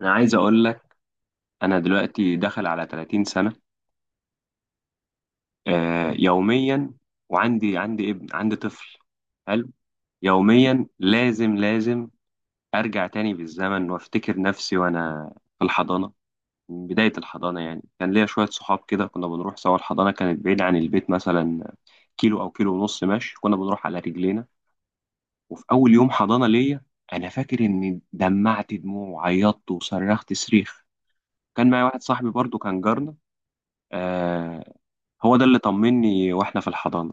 انا عايز اقول لك. انا دلوقتي داخل على 30 سنه، آه، يوميا وعندي ابن، عندي طفل حلو. يوميا لازم لازم ارجع تاني بالزمن وافتكر نفسي وانا في الحضانه. من بدايه الحضانه يعني كان ليا شويه صحاب كده، كنا بنروح سوا. الحضانه كانت بعيده عن البيت، مثلا كيلو او كيلو ونص ماشي، كنا بنروح على رجلينا. وفي اول يوم حضانه ليا انا فاكر اني دمعت دموع وعيطت وصرخت صريخ. كان معايا واحد صاحبي برضو كان جارنا، آه، هو ده اللي طمني واحنا في الحضانة.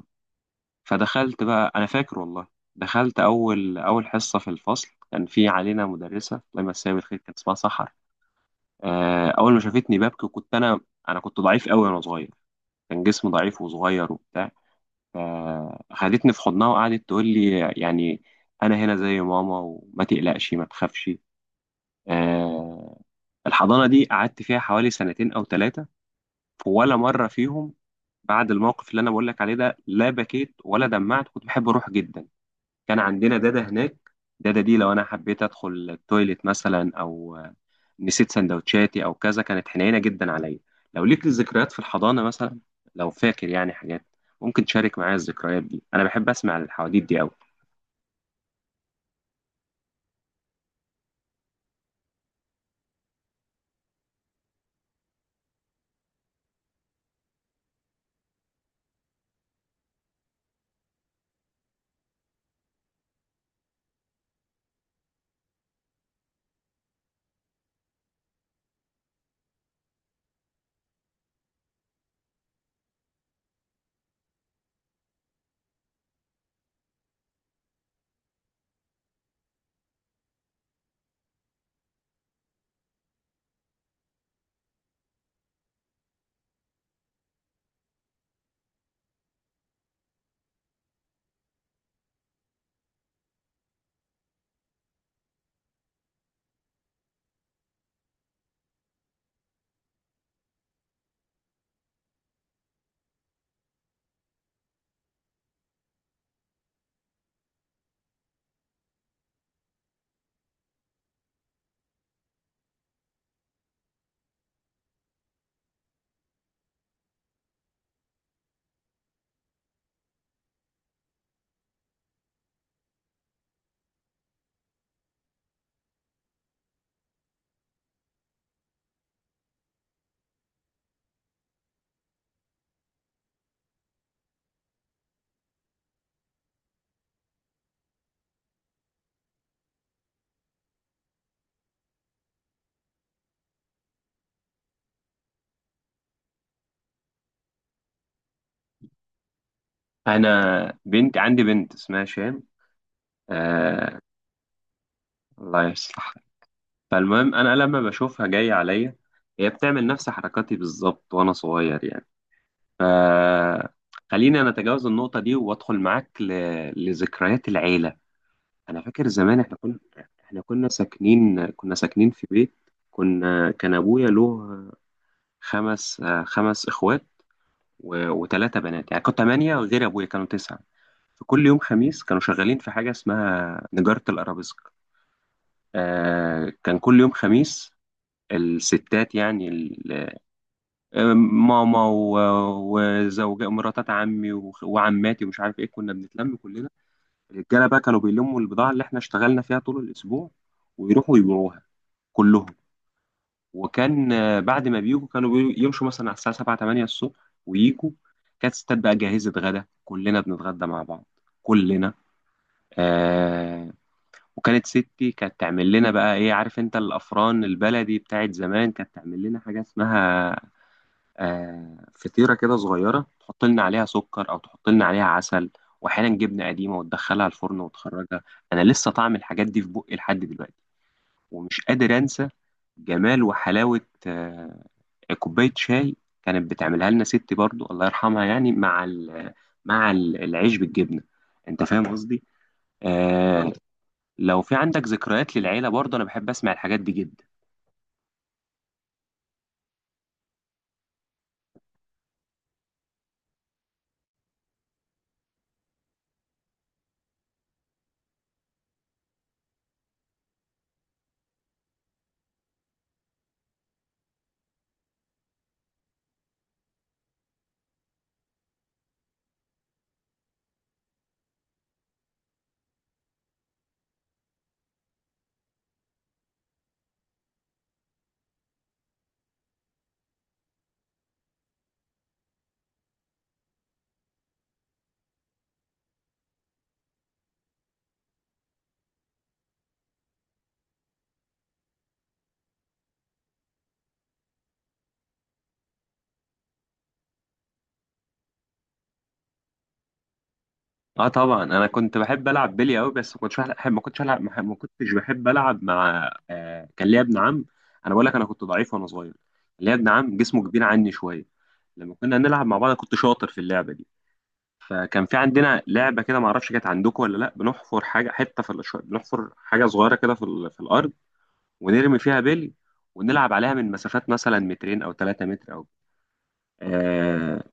فدخلت بقى، انا فاكر والله، دخلت اول حصة في الفصل. كان في علينا مدرسة، الله يمسيها بالخير، كانت اسمها سحر. آه، اول ما شافتني ببكي، وكنت انا كنت ضعيف قوي وانا صغير، كان جسمي ضعيف وصغير وبتاع. فخدتني في حضنها وقعدت تقول لي يعني انا هنا زي ماما، وما تقلقش ما تخافش. آه، الحضانة دي قعدت فيها حوالي سنتين او ثلاثة. ولا مرة فيهم، بعد الموقف اللي أنا بقول لك عليه ده، لا بكيت ولا دمعت، كنت بحب أروح جدا. كان عندنا دادا هناك، دادا دي لو أنا حبيت أدخل التويليت مثلا، أو نسيت سندوتشاتي أو كذا، كانت حنينة جدا عليا. لو ليك ذكريات في الحضانة مثلا، لو فاكر يعني حاجات، ممكن تشارك معايا الذكريات دي. أنا بحب أسمع الحواديت دي أوي. أنا بنت، عندي بنت اسمها شام. آه، الله يصلحها. فالمهم انا لما بشوفها جايه عليا، هي بتعمل نفس حركاتي بالظبط وانا صغير يعني. ف، خليني انا اتجاوز النقطه دي وادخل معاك ل، لذكريات العيله. انا فاكر زمان احنا كنا احنا كنا ساكنين كنا ساكنين في بيت. كان ابويا له خمس اخوات، و... وثلاثه بنات، يعني كنت ثمانيه غير ابويا كانوا تسعه. فكل يوم خميس كانوا شغالين في حاجة اسمها نجارة الأرابيسك. آه، كان كل يوم خميس الستات يعني، ماما و- وزوجة مراتات عمي، وخ- وعماتي، ومش عارف ايه، كنا بنتلم كلنا. الرجاله بقى كانوا بيلموا البضاعه اللي احنا اشتغلنا فيها طول الاسبوع، ويروحوا يبيعوها كلهم. وكان، آه، بعد ما بيجوا كانوا يمشوا مثلا على الساعه 7 8 الصبح ويجوا. كانت ستات بقى جاهزه غدا، كلنا بنتغدى مع بعض كلنا. آه، وكانت ستي كانت تعمل لنا بقى ايه، عارف انت الافران البلدي بتاعت زمان، كانت تعمل لنا حاجه اسمها، آه، فطيرة كده صغيرة، تحط لنا عليها سكر أو تحط لنا عليها عسل، وأحيانا جبنة قديمة، وتدخلها الفرن وتخرجها. أنا لسه طعم الحاجات دي في بقي لحد دلوقتي، ومش قادر أنسى جمال وحلاوة، آه، كوباية شاي كانت بتعملها لنا ستي برضو، الله يرحمها، يعني مع العيش بالجبنة. أنت فاهم قصدي؟ آه. لو في عندك ذكريات للعيلة برضو، أنا بحب أسمع الحاجات دي جدا. اه طبعا انا كنت بحب العب بلي قوي، بس ما كنتش بحب العب مع، آه، كان ليا ابن عم. انا بقول لك انا كنت ضعيف وانا صغير. كان ليا ابن عم جسمه كبير عني شويه. لما كنا نلعب مع بعض أنا كنت شاطر في اللعبه دي. فكان في عندنا لعبه كده، ما اعرفش كانت عندكم ولا لا، بنحفر حاجه صغيره كده في, في الارض، ونرمي فيها بلي، ونلعب عليها من مسافات مثلا مترين او 3 متر او، آه،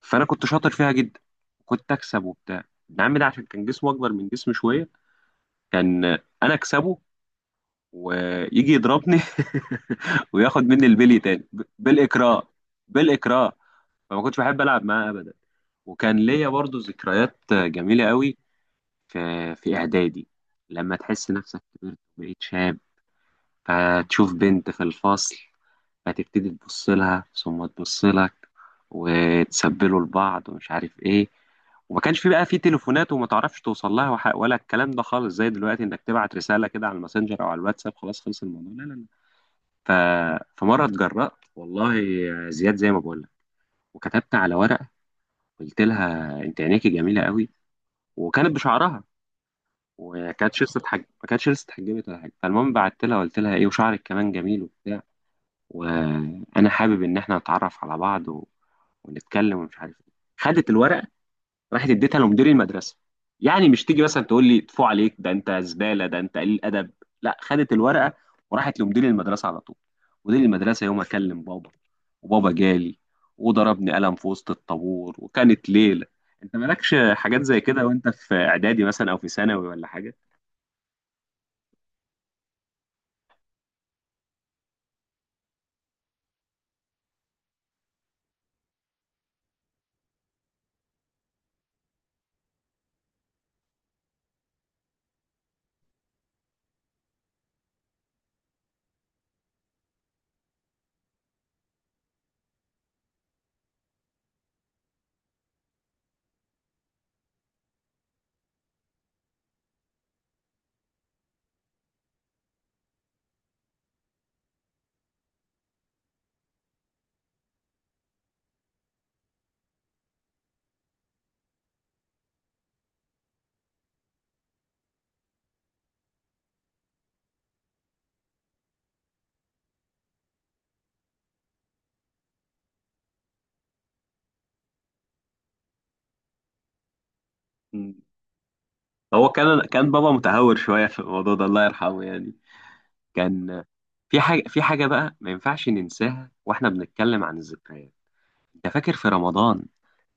فانا كنت شاطر فيها جدا، كنت اكسب وبتاع. ابن عمي ده عشان كان جسمه اكبر من جسمي شويه، كان انا اكسبه، ويجي يضربني وياخد مني البلي تاني بالاكراه. بالاكراه. فما كنتش بحب العب معاه ابدا. وكان ليا برضو ذكريات جميله قوي في، في اعدادي. لما تحس نفسك كبرت وبقيت شاب، فتشوف بنت في الفصل، فتبتدي تبص لها ثم تبص لك، وتسبلوا لبعض، ومش عارف ايه. وما كانش في بقى في تليفونات، وما تعرفش توصل لها وح- ولا الكلام ده خالص زي دلوقتي، انك تبعت رسالة كده على الماسنجر او على الواتساب، خلاص، خلص الموضوع. لا لا لا. ف... فمرة اتجرأت، والله يا زياد زي ما بقول لك، وكتبت على ورقة، قلت لها انت عينيكي جميلة قوي. وكانت بشعرها، وما كانتش لسه اتحج- ما كانتش لسه اتحجبت ولا حاجة. فالمهم بعت لها، قلت لها ايه، وشعرك كمان جميل وبتاع، وانا حابب ان احنا نتعرف على بعض و، ونتكلم، ومش عارف ايه. خدت الورقه، راحت اديتها لمدير المدرسه. يعني مش تيجي مثلا تقول لي ادفع عليك ده، انت زباله، ده انت قليل ادب. لا، خدت الورقه وراحت لمدير المدرسه على طول. مدير المدرسه يوم اكلم بابا، وبابا جالي وضربني قلم في وسط الطابور، وكانت ليله. انت مالكش حاجات زي كده وانت في اعدادي مثلا او في ثانوي ولا حاجه؟ مم. هو كان، كان بابا متهور شويه في الموضوع ده، الله يرحمه يعني. كان في حاجة، في حاجة بقى ما ينفعش ننساها واحنا بنتكلم عن الذكريات. انت فاكر في رمضان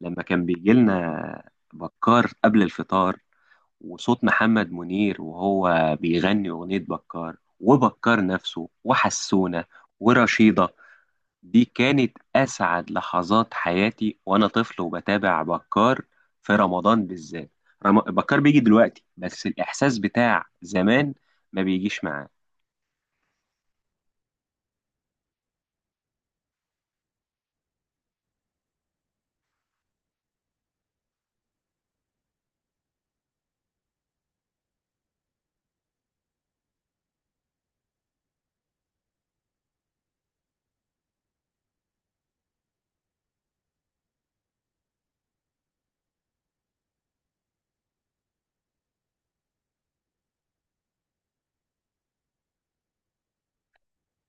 لما كان بيجي لنا بكار قبل الفطار، وصوت محمد منير وهو بيغني أغنية بكار، وبكار نفسه، وحسونة، ورشيدة، دي كانت أسعد لحظات حياتي، وأنا طفل وبتابع بكار في رمضان بالذات. بكار بيجي دلوقتي بس الإحساس بتاع زمان ما بيجيش معاه.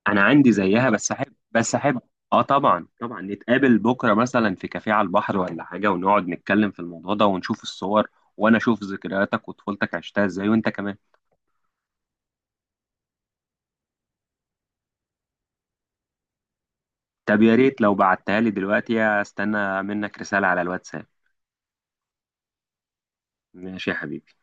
انا عندي زيها، بس احب، بس احب. اه طبعا طبعا. نتقابل بكره مثلا في كافيه على البحر ولا حاجه، ونقعد نتكلم في الموضوع ده ونشوف الصور، وانا اشوف ذكرياتك وطفولتك عشتها ازاي، وانت كمان. طب يا ريت لو بعتها لي دلوقتي، استنى منك رساله على الواتساب. ماشي يا حبيبي.